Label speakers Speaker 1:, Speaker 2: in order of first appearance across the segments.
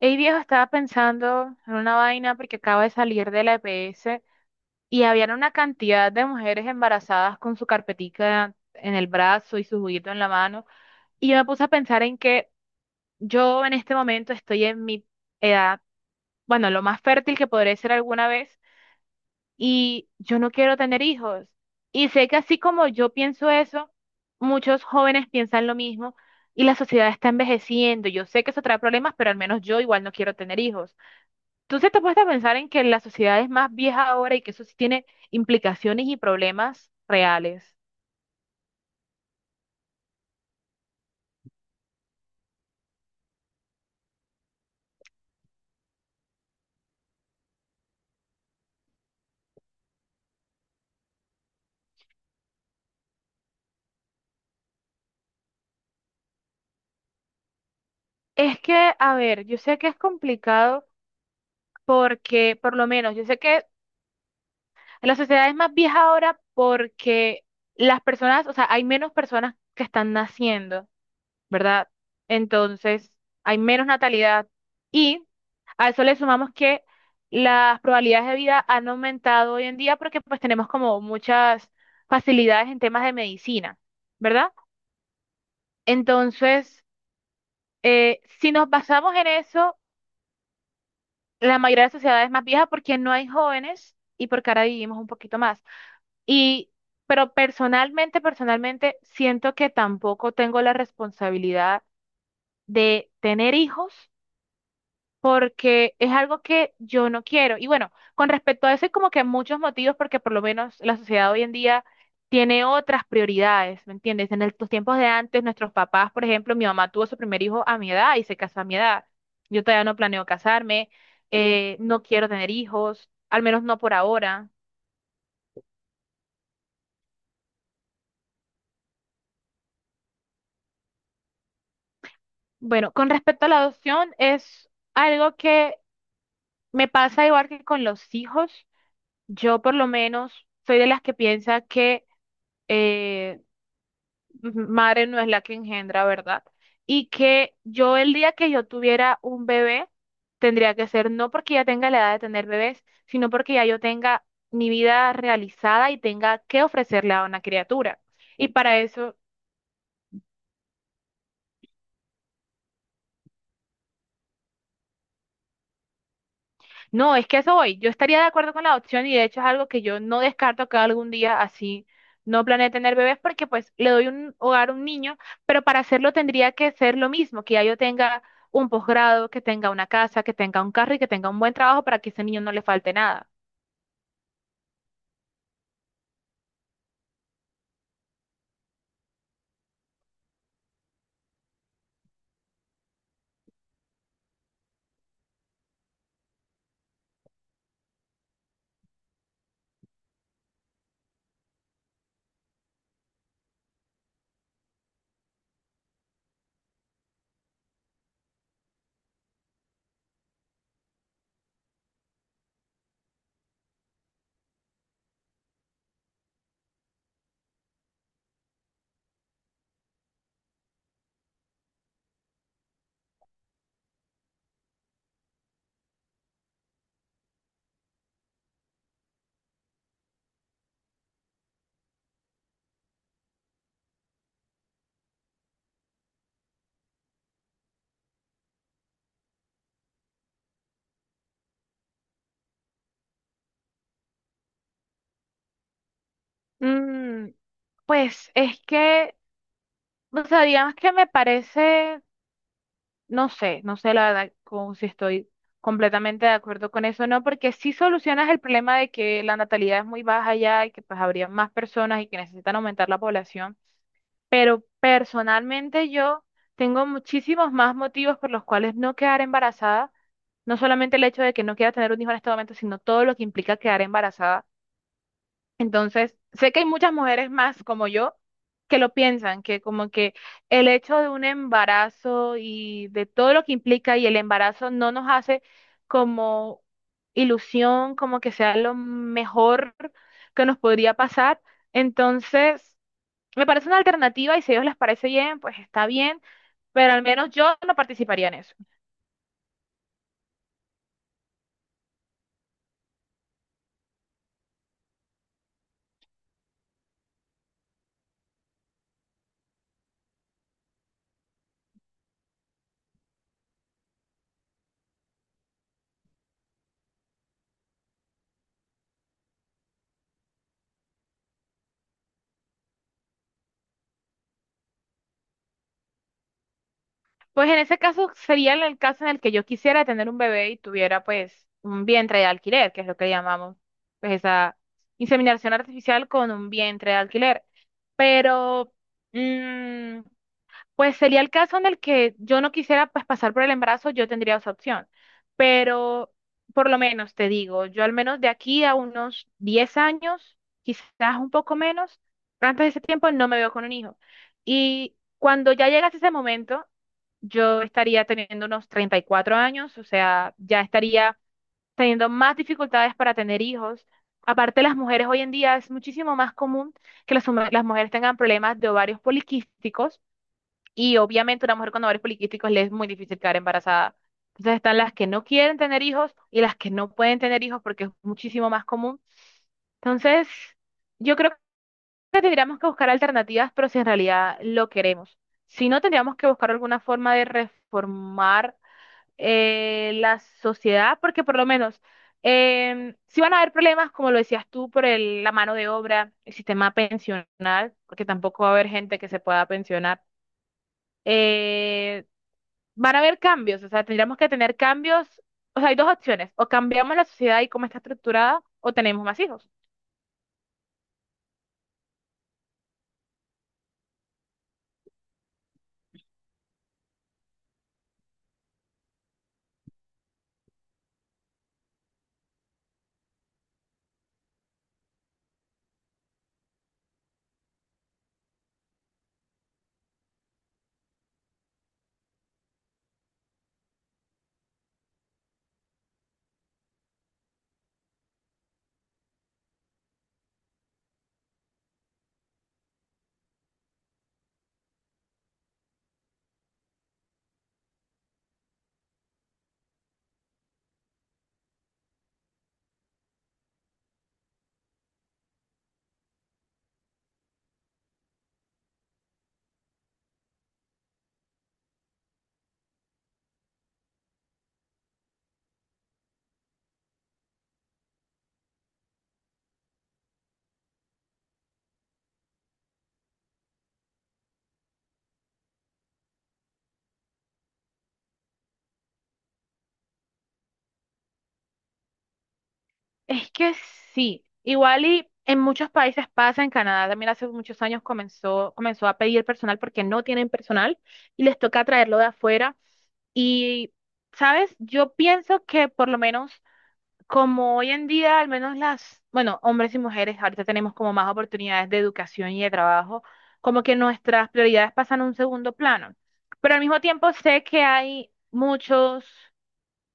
Speaker 1: Ey viejo, estaba pensando en una vaina porque acabo de salir de la EPS y habían una cantidad de mujeres embarazadas con su carpetica en el brazo y su juguito en la mano. Y yo me puse a pensar en que yo en este momento estoy en mi edad, bueno, lo más fértil que podré ser alguna vez y yo no quiero tener hijos. Y sé que así como yo pienso eso, muchos jóvenes piensan lo mismo y la sociedad está envejeciendo. Yo sé que eso trae problemas, pero al menos yo igual no quiero tener hijos. Entonces te puedes pensar en que la sociedad es más vieja ahora y que eso sí tiene implicaciones y problemas reales. Es que, a ver, yo sé que es complicado porque, por lo menos, yo sé que la sociedad es más vieja ahora porque las personas, o sea, hay menos personas que están naciendo. ¿Verdad? Entonces, hay menos natalidad y a eso le sumamos que las probabilidades de vida han aumentado hoy en día porque pues tenemos como muchas facilidades en temas de medicina, ¿verdad? Entonces, si nos basamos en eso, la mayoría de las sociedades más viejas porque no hay jóvenes y porque ahora vivimos un poquito más. Y, pero personalmente, personalmente, siento que tampoco tengo la responsabilidad de tener hijos porque es algo que yo no quiero. Y bueno, con respecto a eso hay como que muchos motivos porque por lo menos la sociedad hoy en día tiene otras prioridades, ¿me entiendes? En los tiempos de antes, nuestros papás, por ejemplo, mi mamá tuvo su primer hijo a mi edad y se casó a mi edad. Yo todavía no planeo casarme, no quiero tener hijos, al menos no por ahora. Bueno, con respecto a la adopción, es algo que me pasa igual que con los hijos. Yo por lo menos soy de las que piensa que eh, madre no es la que engendra, ¿verdad? Y que yo el día que yo tuviera un bebé, tendría que ser no porque ya tenga la edad de tener bebés, sino porque ya yo tenga mi vida realizada y tenga que ofrecerle a una criatura. Y para eso... No, es que a eso voy. Yo estaría de acuerdo con la adopción y de hecho es algo que yo no descarto que algún día, así no planee tener bebés, porque pues le doy un hogar a un niño, pero para hacerlo tendría que ser lo mismo, que ya yo tenga un posgrado, que tenga una casa, que tenga un carro y que tenga un buen trabajo para que ese niño no le falte nada. Mm, pues es que, o sea, digamos que me parece... No sé, no sé la verdad como si estoy completamente de acuerdo con eso, no, porque si solucionas el problema de que la natalidad es muy baja ya y que pues habría más personas y que necesitan aumentar la población. Personalmente yo tengo muchísimos más motivos por los cuales no quedar embarazada, no solamente el hecho de que no quiera tener un hijo en este momento, sino todo lo que implica quedar embarazada. Entonces, sé que hay muchas mujeres más como yo que lo piensan, que como que el hecho de un embarazo y de todo lo que implica y el embarazo no nos hace como ilusión, como que sea lo mejor que nos podría pasar. Entonces, me parece una alternativa y si a ellos les parece bien, pues está bien, pero al menos yo no participaría en eso. Pues en ese caso sería el caso en el que yo quisiera tener un bebé y tuviera pues un vientre de alquiler, que es lo que llamamos, pues esa inseminación artificial con un vientre de alquiler. Pero mm, pues sería el caso en el que yo no quisiera pues pasar por el embarazo, yo tendría esa opción. Pero por lo menos te digo, yo al menos de aquí a unos 10 años, quizás un poco menos, antes de ese tiempo no me veo con un hijo. Y cuando ya llegase ese momento, yo estaría teniendo unos 34 años, o sea, ya estaría teniendo más dificultades para tener hijos. Aparte, las mujeres hoy en día es muchísimo más común que las mujeres tengan problemas de ovarios poliquísticos y obviamente una mujer con ovarios poliquísticos le es muy difícil quedar embarazada. Entonces están las que no quieren tener hijos y las que no pueden tener hijos porque es muchísimo más común. Entonces, yo creo que tendríamos que buscar alternativas, pero si en realidad lo queremos. Si no, tendríamos que buscar alguna forma de reformar la sociedad, porque por lo menos, si van a haber problemas, como lo decías tú, por la mano de obra, el sistema pensional, porque tampoco va a haber gente que se pueda pensionar. eh, Van a haber cambios, o sea, tendríamos que tener cambios. O sea, hay dos opciones, o cambiamos la sociedad y cómo está estructurada, o tenemos más hijos. Es que sí, igual y en muchos países pasa, en Canadá también hace muchos años comenzó a pedir personal porque no tienen personal y les toca traerlo de afuera. Y, ¿sabes? Yo pienso que por lo menos... Como hoy en día, al menos las, bueno, hombres y mujeres, ahorita tenemos como más oportunidades de educación y de trabajo, como que nuestras prioridades pasan a un segundo plano. Pero al mismo tiempo sé que hay muchos,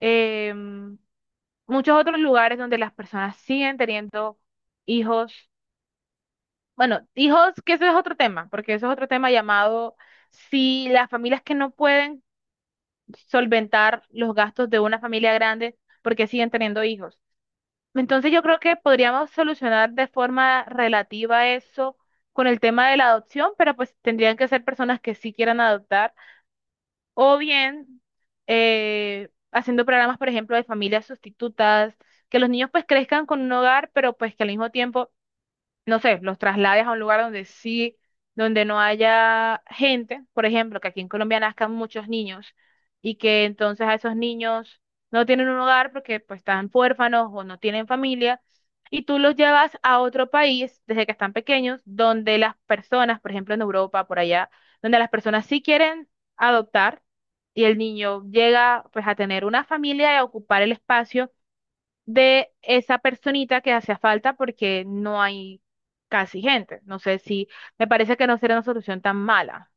Speaker 1: em, muchos otros lugares donde las personas siguen teniendo hijos. Bueno, hijos, que eso es otro tema, porque eso es otro tema llamado si las familias que no pueden solventar los gastos de una familia grande, porque siguen teniendo hijos. Entonces yo creo que podríamos solucionar de forma relativa eso con el tema de la adopción, pero pues tendrían que ser personas que sí quieran adoptar o bien haciendo programas, por ejemplo, de familias sustitutas, que los niños pues crezcan con un hogar, pero pues que al mismo tiempo no sé, los traslades a un lugar donde sí, donde no haya gente, por ejemplo, que aquí en Colombia nazcan muchos niños y que entonces a esos niños no tienen un hogar porque pues están huérfanos o no tienen familia y tú los llevas a otro país desde que están pequeños donde las personas, por ejemplo en Europa, por allá, donde las personas sí quieren adoptar y el niño llega pues a tener una familia y a ocupar el espacio de esa personita que hacía falta porque no hay casi gente. No sé si, me parece que no será una solución tan mala.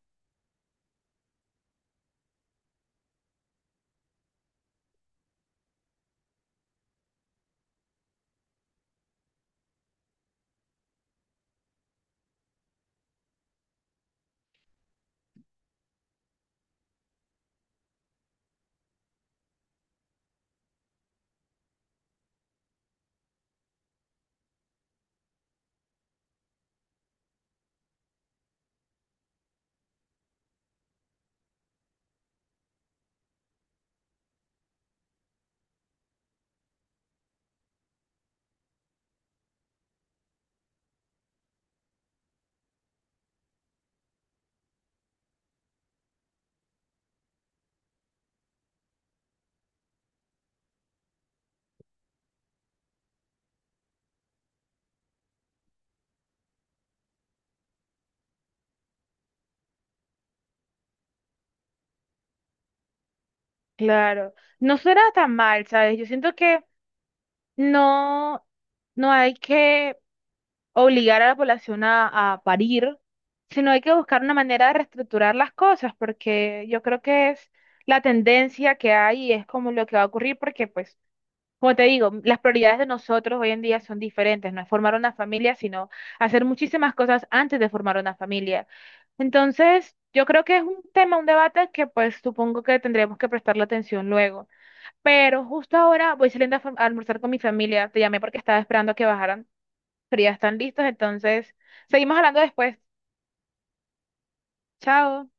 Speaker 1: Claro, no será tan mal, ¿sabes? Yo siento que no, no hay que obligar a la población a parir, sino hay que buscar una manera de reestructurar las cosas, porque yo creo que es la tendencia que hay y es como lo que va a ocurrir, porque pues... Como te digo, las prioridades de nosotros hoy en día son diferentes, no es formar una familia, sino hacer muchísimas cosas antes de formar una familia. Entonces, yo creo que es un tema, un debate que pues supongo que tendremos que prestarle atención luego. Pero justo ahora voy saliendo a, a almorzar con mi familia, te llamé porque estaba esperando a que bajaran, pero ya están listos, entonces seguimos hablando después. Chao.